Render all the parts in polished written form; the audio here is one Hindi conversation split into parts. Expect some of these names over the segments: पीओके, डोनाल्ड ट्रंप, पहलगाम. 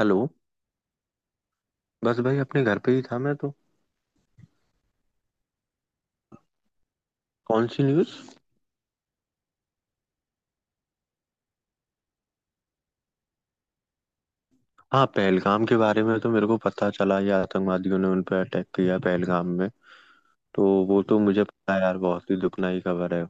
हेलो। बस भाई अपने घर पे ही था मैं तो। कौन सी न्यूज़? हाँ, पहलगाम के बारे में तो मेरे को पता चला ये आतंकवादियों ने उन पर अटैक किया पहलगाम में। तो वो तो मुझे पता है यार, बहुत ही दुखनाई खबर है।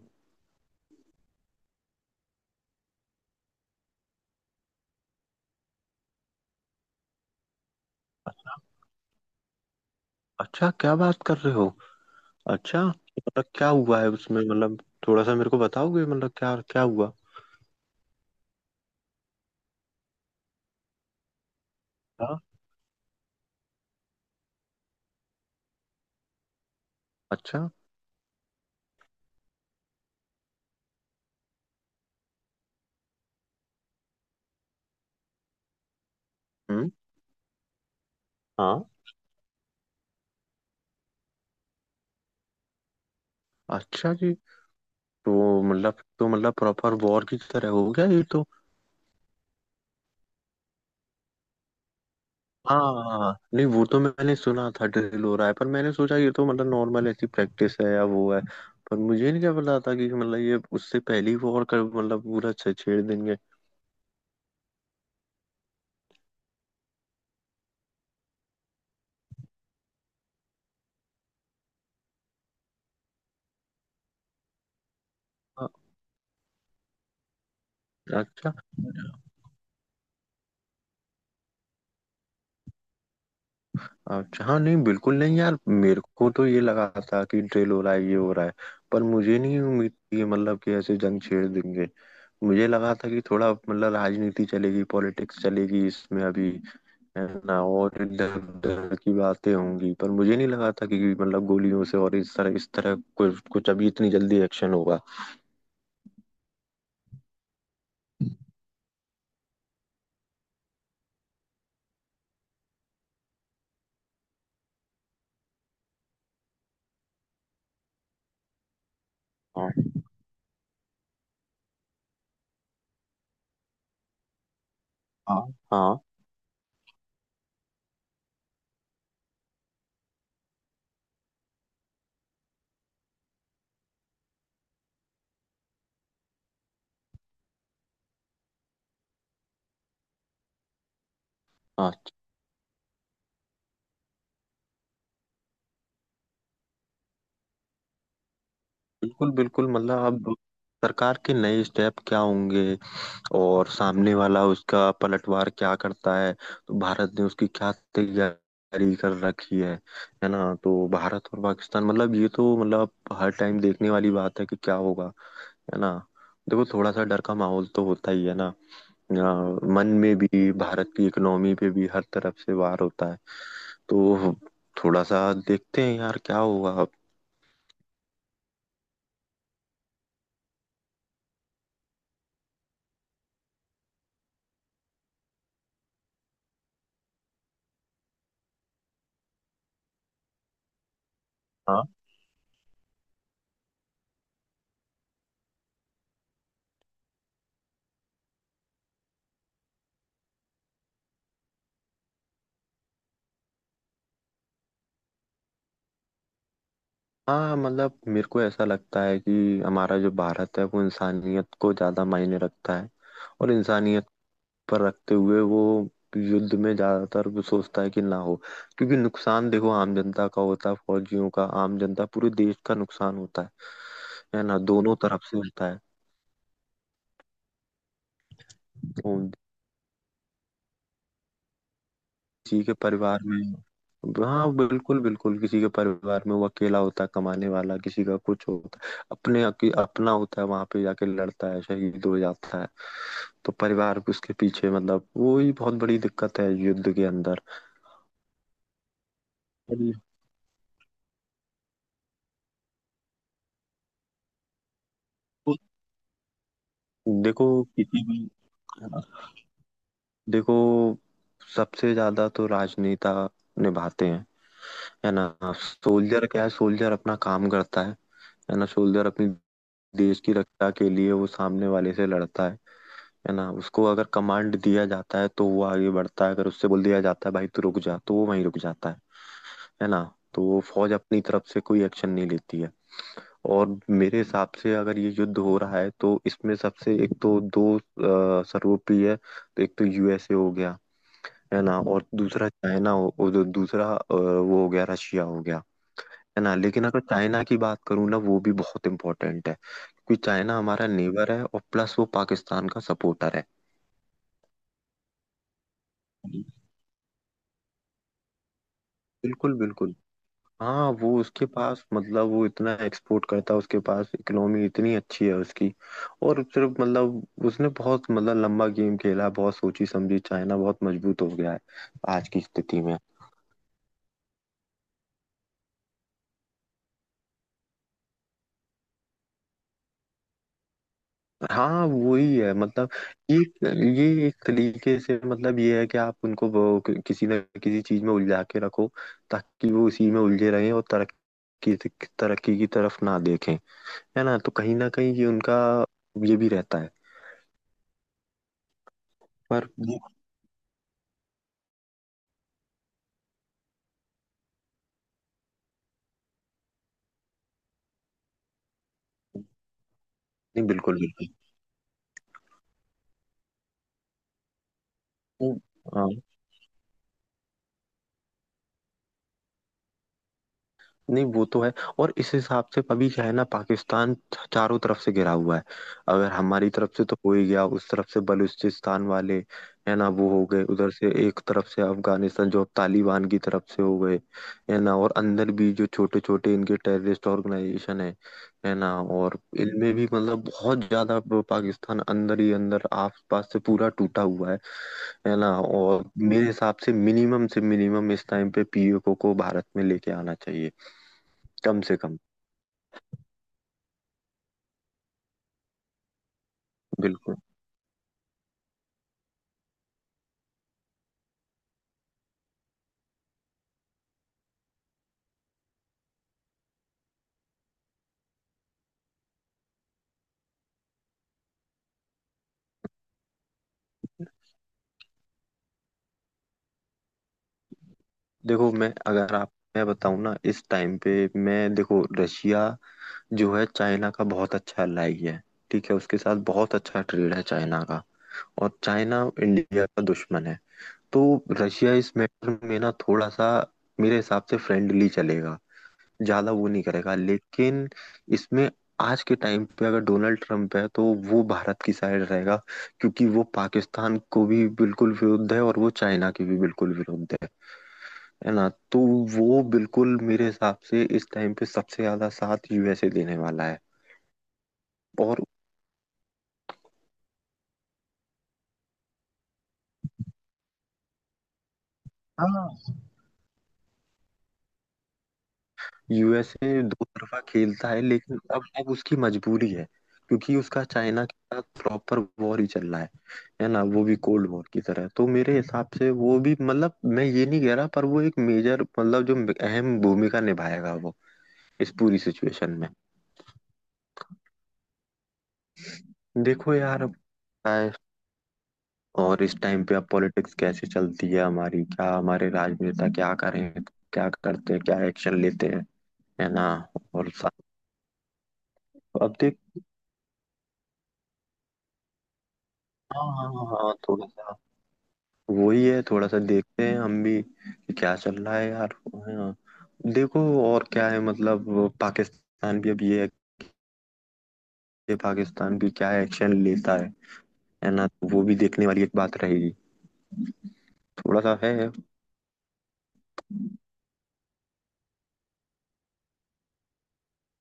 अच्छा, क्या बात कर रहे हो? अच्छा, मतलब क्या हुआ है उसमें, मतलब थोड़ा सा मेरे को बताओगे मतलब क्या क्या हुआ? हाँ। अच्छा। हम्म। हाँ। अच्छा जी। तो मतलब प्रॉपर वॉर की तरह हो गया ये तो। हाँ हाँ, हाँ, हाँ। नहीं वो तो मैंने सुना था ड्रिल हो रहा है, पर मैंने सोचा ये तो मतलब नॉर्मल ऐसी प्रैक्टिस है या वो है। पर मुझे नहीं क्या पता था कि मतलब ये उससे पहले ही वो और कर मतलब पूरा छेड़ देंगे। हाँ, अच्छा। अच्छा हाँ, नहीं बिल्कुल नहीं यार, मेरे को तो ये लगा था कि ड्रिल हो रहा है, ये हो रहा है। पर मुझे नहीं उम्मीद थी ये, मतलब कि ऐसे जंग छेड़ देंगे। मुझे लगा था कि थोड़ा मतलब राजनीति चलेगी, पॉलिटिक्स चलेगी इसमें अभी, है ना, और इधर उधर की बातें होंगी। पर मुझे नहीं लगा था कि मतलब गोलियों से और इस तरह कुछ कुछ अभी इतनी जल्दी एक्शन होगा। हाँ, हाँ, हाँ, हाँ, बिल्कुल बिल्कुल मतलब अब सरकार के नए स्टेप क्या होंगे? और सामने वाला उसका पलटवार क्या करता है? तो भारत ने उसकी क्या तैयारी कर रखी है? है ना। तो भारत और पाकिस्तान मतलब ये तो मतलब हर टाइम देखने वाली बात है कि क्या होगा। है ना। देखो, थोड़ा सा डर का माहौल तो होता ही है ना। अ, मन में भी, भारत की इकोनॉमी पे भी हर तरफ से वार होता है। तो थोड़ा सा देखते हैं यार, क्या होगा अब। हाँ। हाँ मतलब मेरे को ऐसा लगता है कि हमारा जो भारत है वो इंसानियत को ज्यादा मायने रखता है। और इंसानियत पर रखते हुए वो युद्ध में ज्यादातर वो सोचता है कि ना हो। क्योंकि नुकसान देखो आम जनता का होता है, फौजियों का, आम जनता पूरे देश का नुकसान होता है ना, दोनों तरफ से होता है। तो किसी के परिवार में, हाँ बिल्कुल बिल्कुल, किसी के परिवार में वो अकेला होता है कमाने वाला, किसी का कुछ होता है अपने, अपना होता है, वहां पे जाके लड़ता है शहीद हो जाता है। तो परिवार को उसके पीछे मतलब वो ही बहुत बड़ी दिक्कत है युद्ध के अंदर। और ये- देखो किसी भी, देखो सबसे ज्यादा तो राजनेता निभाते हैं। है ना। सोल्जर क्या है, सोल्जर अपना काम करता है। है ना, सोल्जर अपनी देश की रक्षा के लिए वो सामने वाले से लड़ता है। है ना, उसको अगर कमांड दिया जाता है तो वो आगे बढ़ता है, अगर उससे बोल दिया जाता है भाई तू रुक जा तो वो वहीं रुक जाता है। है ना। तो वो फौज अपनी तरफ से कोई एक्शन नहीं लेती है। और मेरे हिसाब से अगर ये युद्ध हो रहा है तो इसमें सबसे एक तो दो सर्वोपरि है, तो एक तो यूएसए हो गया। है ना। और दूसरा चाइना हो, और दूसरा वो हो गया रशिया हो गया। है ना। लेकिन अगर चाइना की बात करूँ ना, वो भी बहुत इंपॉर्टेंट है क्योंकि चाइना हमारा नेबर है और प्लस वो पाकिस्तान का सपोर्टर है। बिल्कुल बिल्कुल। हाँ, वो उसके पास मतलब वो इतना एक्सपोर्ट करता है, उसके पास इकोनॉमी इतनी अच्छी है उसकी। और सिर्फ मतलब उसने बहुत मतलब लंबा गेम खेला, बहुत सोची समझी, चाइना बहुत मजबूत हो गया है आज की स्थिति में। हाँ, वही है मतलब। एक, ये एक तरीके से मतलब ये है कि आप उनको वो किसी न किसी चीज में उलझा के रखो। ताकि वो उसी में उलझे रहें और तरक्की, तरक्की की तरफ ना देखें। है ना। तो कहीं ना कहीं ये उनका ये भी रहता है। पर वो, नहीं बिल्कुल बिल्कुल। तो, हाँ। नहीं वो तो है। और इस हिसाब से अभी क्या है ना, पाकिस्तान चारों तरफ से घिरा हुआ है। अगर हमारी तरफ से तो हो ही गया, उस तरफ से बलूचिस्तान वाले, है ना, वो हो गए, उधर से एक तरफ से अफगानिस्तान जो अब तालिबान की तरफ से हो गए। है ना। और अंदर भी जो छोटे छोटे इनके टेररिस्ट ऑर्गेनाइजेशन है ना, और इनमें भी मतलब बहुत ज्यादा, पाकिस्तान अंदर ही अंदर आस पास से पूरा टूटा हुआ है। है ना। और मेरे हिसाब से मिनिमम इस टाइम पे पीओके को भारत में लेके आना चाहिए, कम से कम। बिल्कुल। देखो, मैं अगर आप, मैं बताऊं ना, इस टाइम पे मैं, देखो रशिया जो है, चाइना का बहुत अच्छा ally है। ठीक है, उसके साथ बहुत अच्छा ट्रेड है चाइना का। और चाइना इंडिया का दुश्मन है। तो रशिया इस मैटर में ना थोड़ा सा, मेरे हिसाब से फ्रेंडली चलेगा। ज्यादा वो नहीं करेगा, लेकिन इसमें आज के टाइम पे अगर डोनाल्ड ट्रंप है तो वो भारत की साइड रहेगा। क्योंकि वो पाकिस्तान को भी बिल्कुल विरुद्ध है और वो चाइना के भी बिल्कुल विरुद्ध है। है ना। तो वो बिल्कुल मेरे हिसाब से इस टाइम पे सबसे ज्यादा साथ यूएसए देने वाला है। और हाँ। यूएसए दो तरफा खेलता है, लेकिन अब उसकी मजबूरी है। क्योंकि उसका चाइना के साथ प्रॉपर वॉर ही चल रहा है ना, वो भी कोल्ड वॉर की तरह, तो मेरे हिसाब से वो भी मतलब, मैं ये नहीं कह रहा पर वो एक मेजर मतलब, जो अहम भूमिका निभाएगा वो इस पूरी सिचुएशन में। देखो यार, और इस टाइम पे अब पॉलिटिक्स कैसे चलती है हमारी, क्या हमारे राजनेता क्या करें, क्या करते हैं, क्या एक्शन लेते हैं। है ना। और सा- अब देख, हाँ हाँ हाँ हाँ, थोड़ा सा। वही है, थोड़ा सा देखते हैं हम भी कि क्या चल रहा है यार। हाँ, देखो। और क्या है मतलब, पाकिस्तान भी अब ये है कि पाकिस्तान भी क्या एक्शन लेता है ना। तो वो भी देखने वाली एक बात रहेगी। थोड़ा सा है।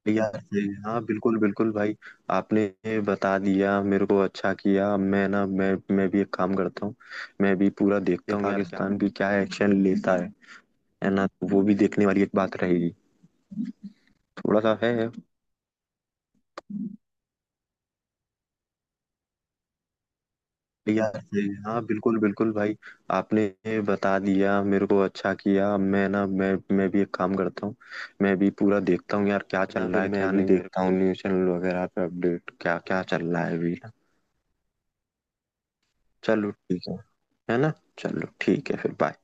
यार सही है। हाँ बिल्कुल बिल्कुल भाई। आपने बता दिया मेरे को, अच्छा किया। अब मैं ना, मैं भी एक काम करता हूँ। मैं भी पूरा देखता हूँ यार, क्या पाकिस्तान भी क्या एक्शन लेता है ना। तो वो भी देखने वाली एक बात रहेगी। थोड़ा सा है। यार सही है। हाँ बिल्कुल बिल्कुल भाई। आपने बता दिया मेरे को, अच्छा किया। अब मैं ना, मैं भी एक काम करता हूँ। मैं भी पूरा देखता हूँ यार, क्या चल ना, रहा फिर है मैं क्या भी नहीं। मेरे देखता हूँ न्यूज़ चैनल वगैरह पे अपडेट क्या क्या चल रहा है अभी। चलो ठीक है। है ना। चलो ठीक है, फिर बाय।